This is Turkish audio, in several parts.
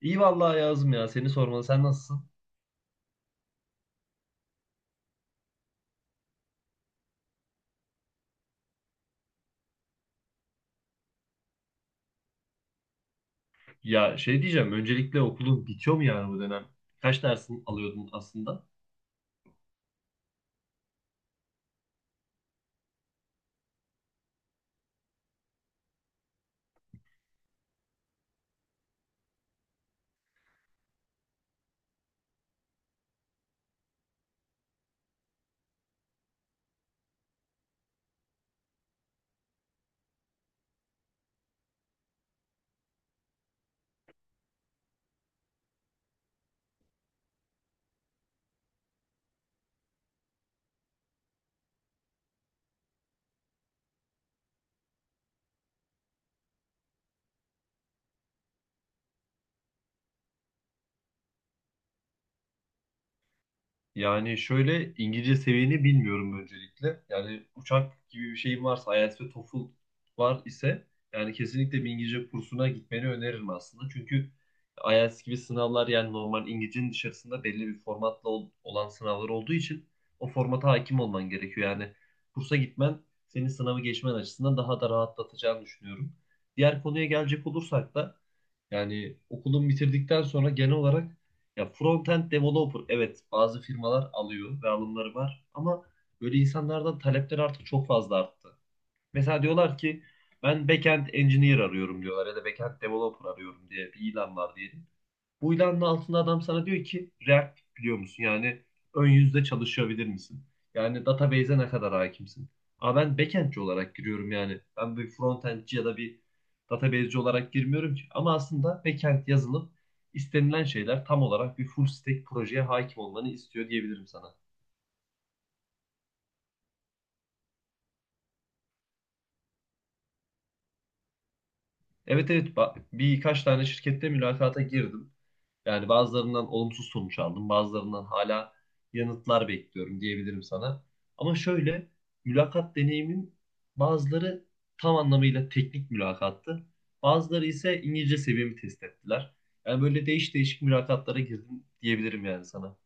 İyi vallahi yazdım ya. Seni sormalı. Sen nasılsın? Ya şey diyeceğim. Öncelikle okulun bitiyor mu yani bu dönem? Kaç dersin alıyordun aslında? Yani şöyle İngilizce seviyeni bilmiyorum öncelikle. Yani uçak gibi bir şeyin varsa IELTS ve TOEFL var ise yani kesinlikle bir İngilizce kursuna gitmeni öneririm aslında. Çünkü IELTS gibi sınavlar yani normal İngilizcenin dışarısında belli bir formatla olan sınavlar olduğu için o formata hakim olman gerekiyor. Yani kursa gitmen senin sınavı geçmen açısından daha da rahatlatacağını düşünüyorum. Diğer konuya gelecek olursak da yani okulun bitirdikten sonra genel olarak ya front-end developer, evet, bazı firmalar alıyor ve alımları var ama böyle insanlardan talepler artık çok fazla arttı. Mesela diyorlar ki ben back-end engineer arıyorum diyorlar ya da back-end developer arıyorum diye bir ilan var diyelim. Bu ilanın altında adam sana diyor ki React biliyor musun? Yani ön yüzde çalışabilir misin? Yani database'e ne kadar hakimsin? Ama ben backend'ci olarak giriyorum yani. Ben bir frontend'ci ya da bir database'ci olarak girmiyorum ki. Ama aslında backend yazılım istenilen şeyler tam olarak bir full stack projeye hakim olmanı istiyor diyebilirim sana. Evet, evet, birkaç tane şirkette mülakata girdim. Yani bazılarından olumsuz sonuç aldım. Bazılarından hala yanıtlar bekliyorum diyebilirim sana. Ama şöyle mülakat deneyimin, bazıları tam anlamıyla teknik mülakattı. Bazıları ise İngilizce seviyemi test ettiler. Yani böyle değiş değişik mülakatlara girdim diyebilirim yani sana.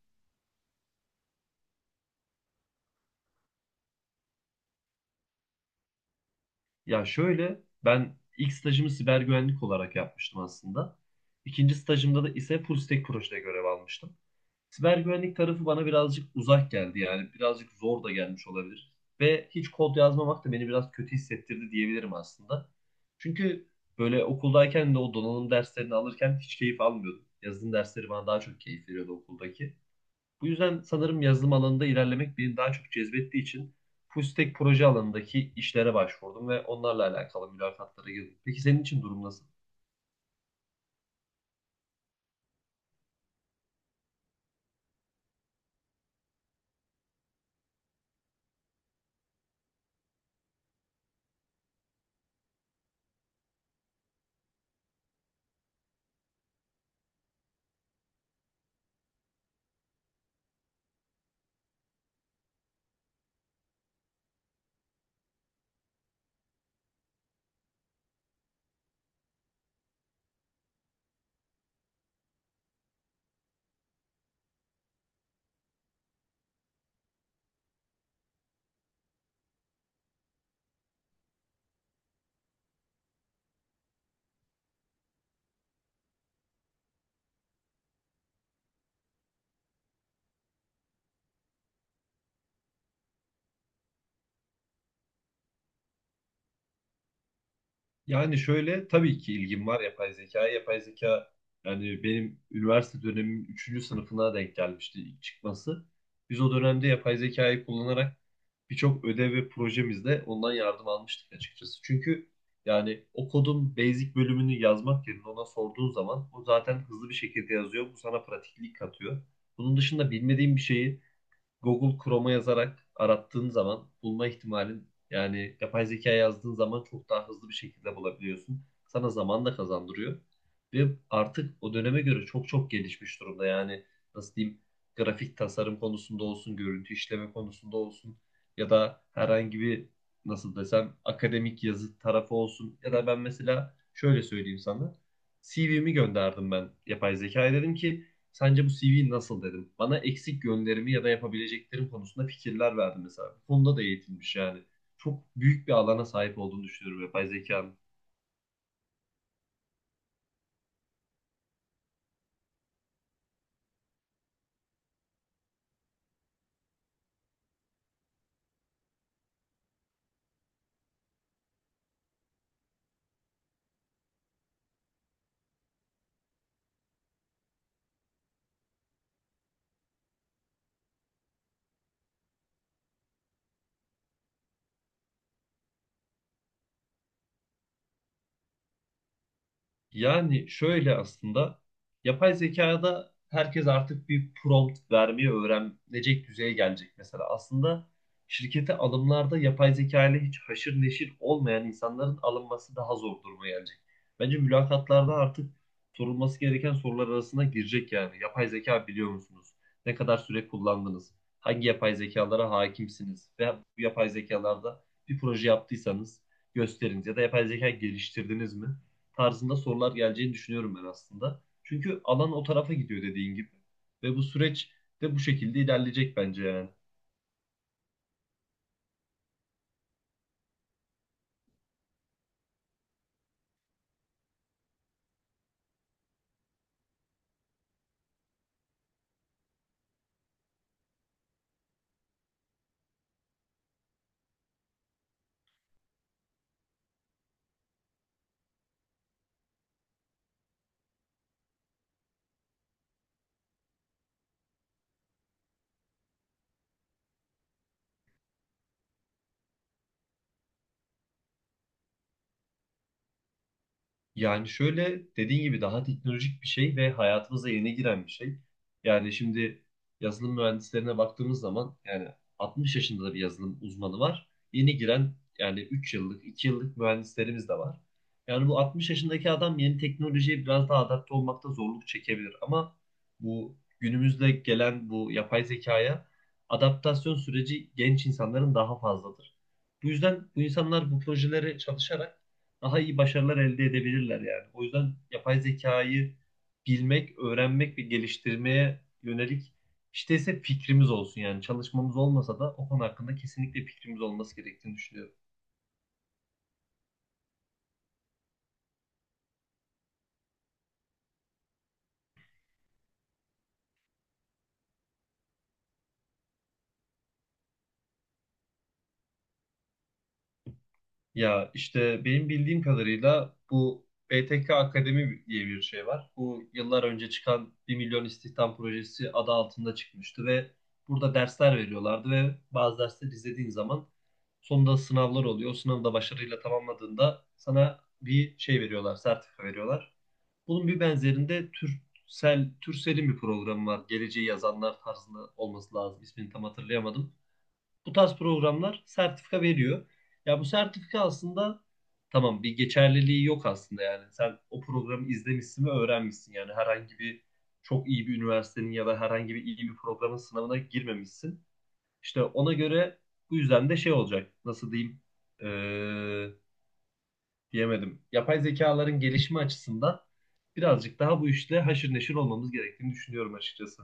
Ya şöyle ben ilk stajımı siber güvenlik olarak yapmıştım aslında. İkinci stajımda da ise full stack projede görev almıştım. Siber güvenlik tarafı bana birazcık uzak geldi yani birazcık zor da gelmiş olabilir. Ve hiç kod yazmamak da beni biraz kötü hissettirdi diyebilirim aslında. Çünkü böyle okuldayken de o donanım derslerini alırken hiç keyif almıyordum. Yazılım dersleri bana daha çok keyif veriyordu okuldaki. Bu yüzden sanırım yazılım alanında ilerlemek beni daha çok cezbettiği için full stack proje alanındaki işlere başvurdum ve onlarla alakalı mülakatlara girdim. Peki senin için durum nasıl? Yani şöyle tabii ki ilgim var yapay zekaya. Yapay zeka yani benim üniversite dönemimin üçüncü sınıfına denk gelmişti ilk çıkması. Biz o dönemde yapay zekayı kullanarak birçok ödev ve projemizde ondan yardım almıştık açıkçası. Çünkü yani o kodun basic bölümünü yazmak yerine ona sorduğun zaman o zaten hızlı bir şekilde yazıyor. Bu sana pratiklik katıyor. Bunun dışında bilmediğin bir şeyi Google Chrome'a yazarak arattığın zaman bulma ihtimalin yani yapay zeka yazdığın zaman çok daha hızlı bir şekilde bulabiliyorsun. Sana zaman da kazandırıyor. Ve artık o döneme göre çok çok gelişmiş durumda. Yani nasıl diyeyim, grafik tasarım konusunda olsun, görüntü işleme konusunda olsun ya da herhangi bir nasıl desem akademik yazı tarafı olsun ya da ben mesela şöyle söyleyeyim sana. CV'mi gönderdim ben yapay zekaya, dedim ki sence bu CV nasıl, dedim. Bana eksik yönlerimi ya da yapabileceklerim konusunda fikirler verdi mesela. Bu konuda da eğitilmiş yani. Çok büyük bir alana sahip olduğunu düşünüyorum yapay zekanın. Yani şöyle aslında yapay zekada herkes artık bir prompt vermeyi öğrenecek düzeye gelecek mesela. Aslında şirkete alımlarda yapay zeka ile hiç haşır neşir olmayan insanların alınması daha zor duruma gelecek. Bence mülakatlarda artık sorulması gereken sorular arasına girecek yani. Yapay zeka biliyor musunuz? Ne kadar süre kullandınız? Hangi yapay zekalara hakimsiniz? Ve bu yapay zekalarda bir proje yaptıysanız gösteriniz ya da yapay zeka geliştirdiniz mi tarzında sorular geleceğini düşünüyorum ben aslında. Çünkü alan o tarafa gidiyor dediğin gibi. Ve bu süreç de bu şekilde ilerleyecek bence yani. Yani şöyle dediğin gibi daha teknolojik bir şey ve hayatımıza yeni giren bir şey. Yani şimdi yazılım mühendislerine baktığımız zaman yani 60 yaşında da bir yazılım uzmanı var. Yeni giren yani 3 yıllık, 2 yıllık mühendislerimiz de var. Yani bu 60 yaşındaki adam yeni teknolojiye biraz daha adapte olmakta zorluk çekebilir ama bu günümüzde gelen bu yapay zekaya adaptasyon süreci genç insanların daha fazladır. Bu yüzden bu insanlar bu projelere çalışarak daha iyi başarılar elde edebilirler yani. O yüzden yapay zekayı bilmek, öğrenmek ve geliştirmeye yönelik işte ise fikrimiz olsun yani çalışmamız olmasa da o konu hakkında kesinlikle fikrimiz olması gerektiğini düşünüyorum. Ya işte benim bildiğim kadarıyla bu BTK Akademi diye bir şey var. Bu yıllar önce çıkan bir milyon istihdam projesi adı altında çıkmıştı ve burada dersler veriyorlardı ve bazı dersleri izlediğin zaman sonunda sınavlar oluyor. O sınavı da başarıyla tamamladığında sana bir şey veriyorlar, sertifika veriyorlar. Bunun bir benzerinde Türsel'in bir programı var. Geleceği yazanlar tarzında olması lazım. İsmini tam hatırlayamadım. Bu tarz programlar sertifika veriyor. Ya bu sertifika aslında tamam bir geçerliliği yok aslında yani. Sen o programı izlemişsin ve öğrenmişsin yani. Herhangi bir çok iyi bir üniversitenin ya da herhangi bir iyi bir programın sınavına girmemişsin. İşte ona göre bu yüzden de şey olacak. Nasıl diyeyim? Ee, Diyemedim. Yapay zekaların gelişimi açısından birazcık daha bu işle haşır neşir olmamız gerektiğini düşünüyorum açıkçası.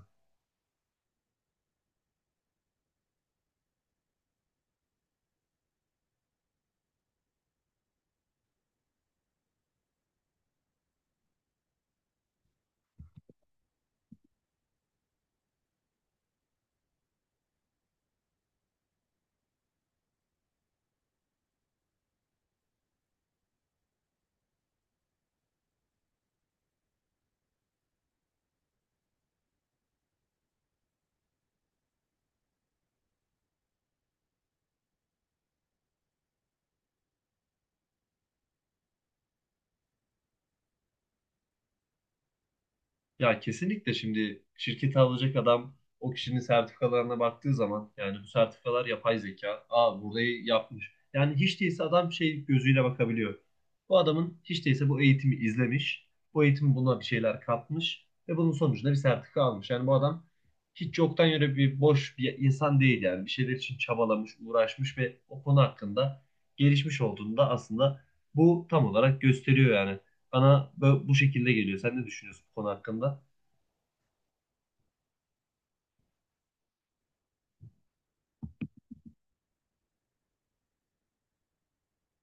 Ya kesinlikle şimdi şirketi alacak adam o kişinin sertifikalarına baktığı zaman yani bu sertifikalar yapay zeka. Aa, burayı yapmış. Yani hiç değilse adam şey gözüyle bakabiliyor. Bu adamın hiç değilse bu eğitimi izlemiş. Bu eğitim buna bir şeyler katmış ve bunun sonucunda bir sertifika almış. Yani bu adam hiç yoktan yere bir boş bir insan değil yani. Bir şeyler için çabalamış, uğraşmış ve o konu hakkında gelişmiş olduğunu da aslında bu tam olarak gösteriyor yani. Bana bu şekilde geliyor. Sen ne düşünüyorsun bu konu hakkında?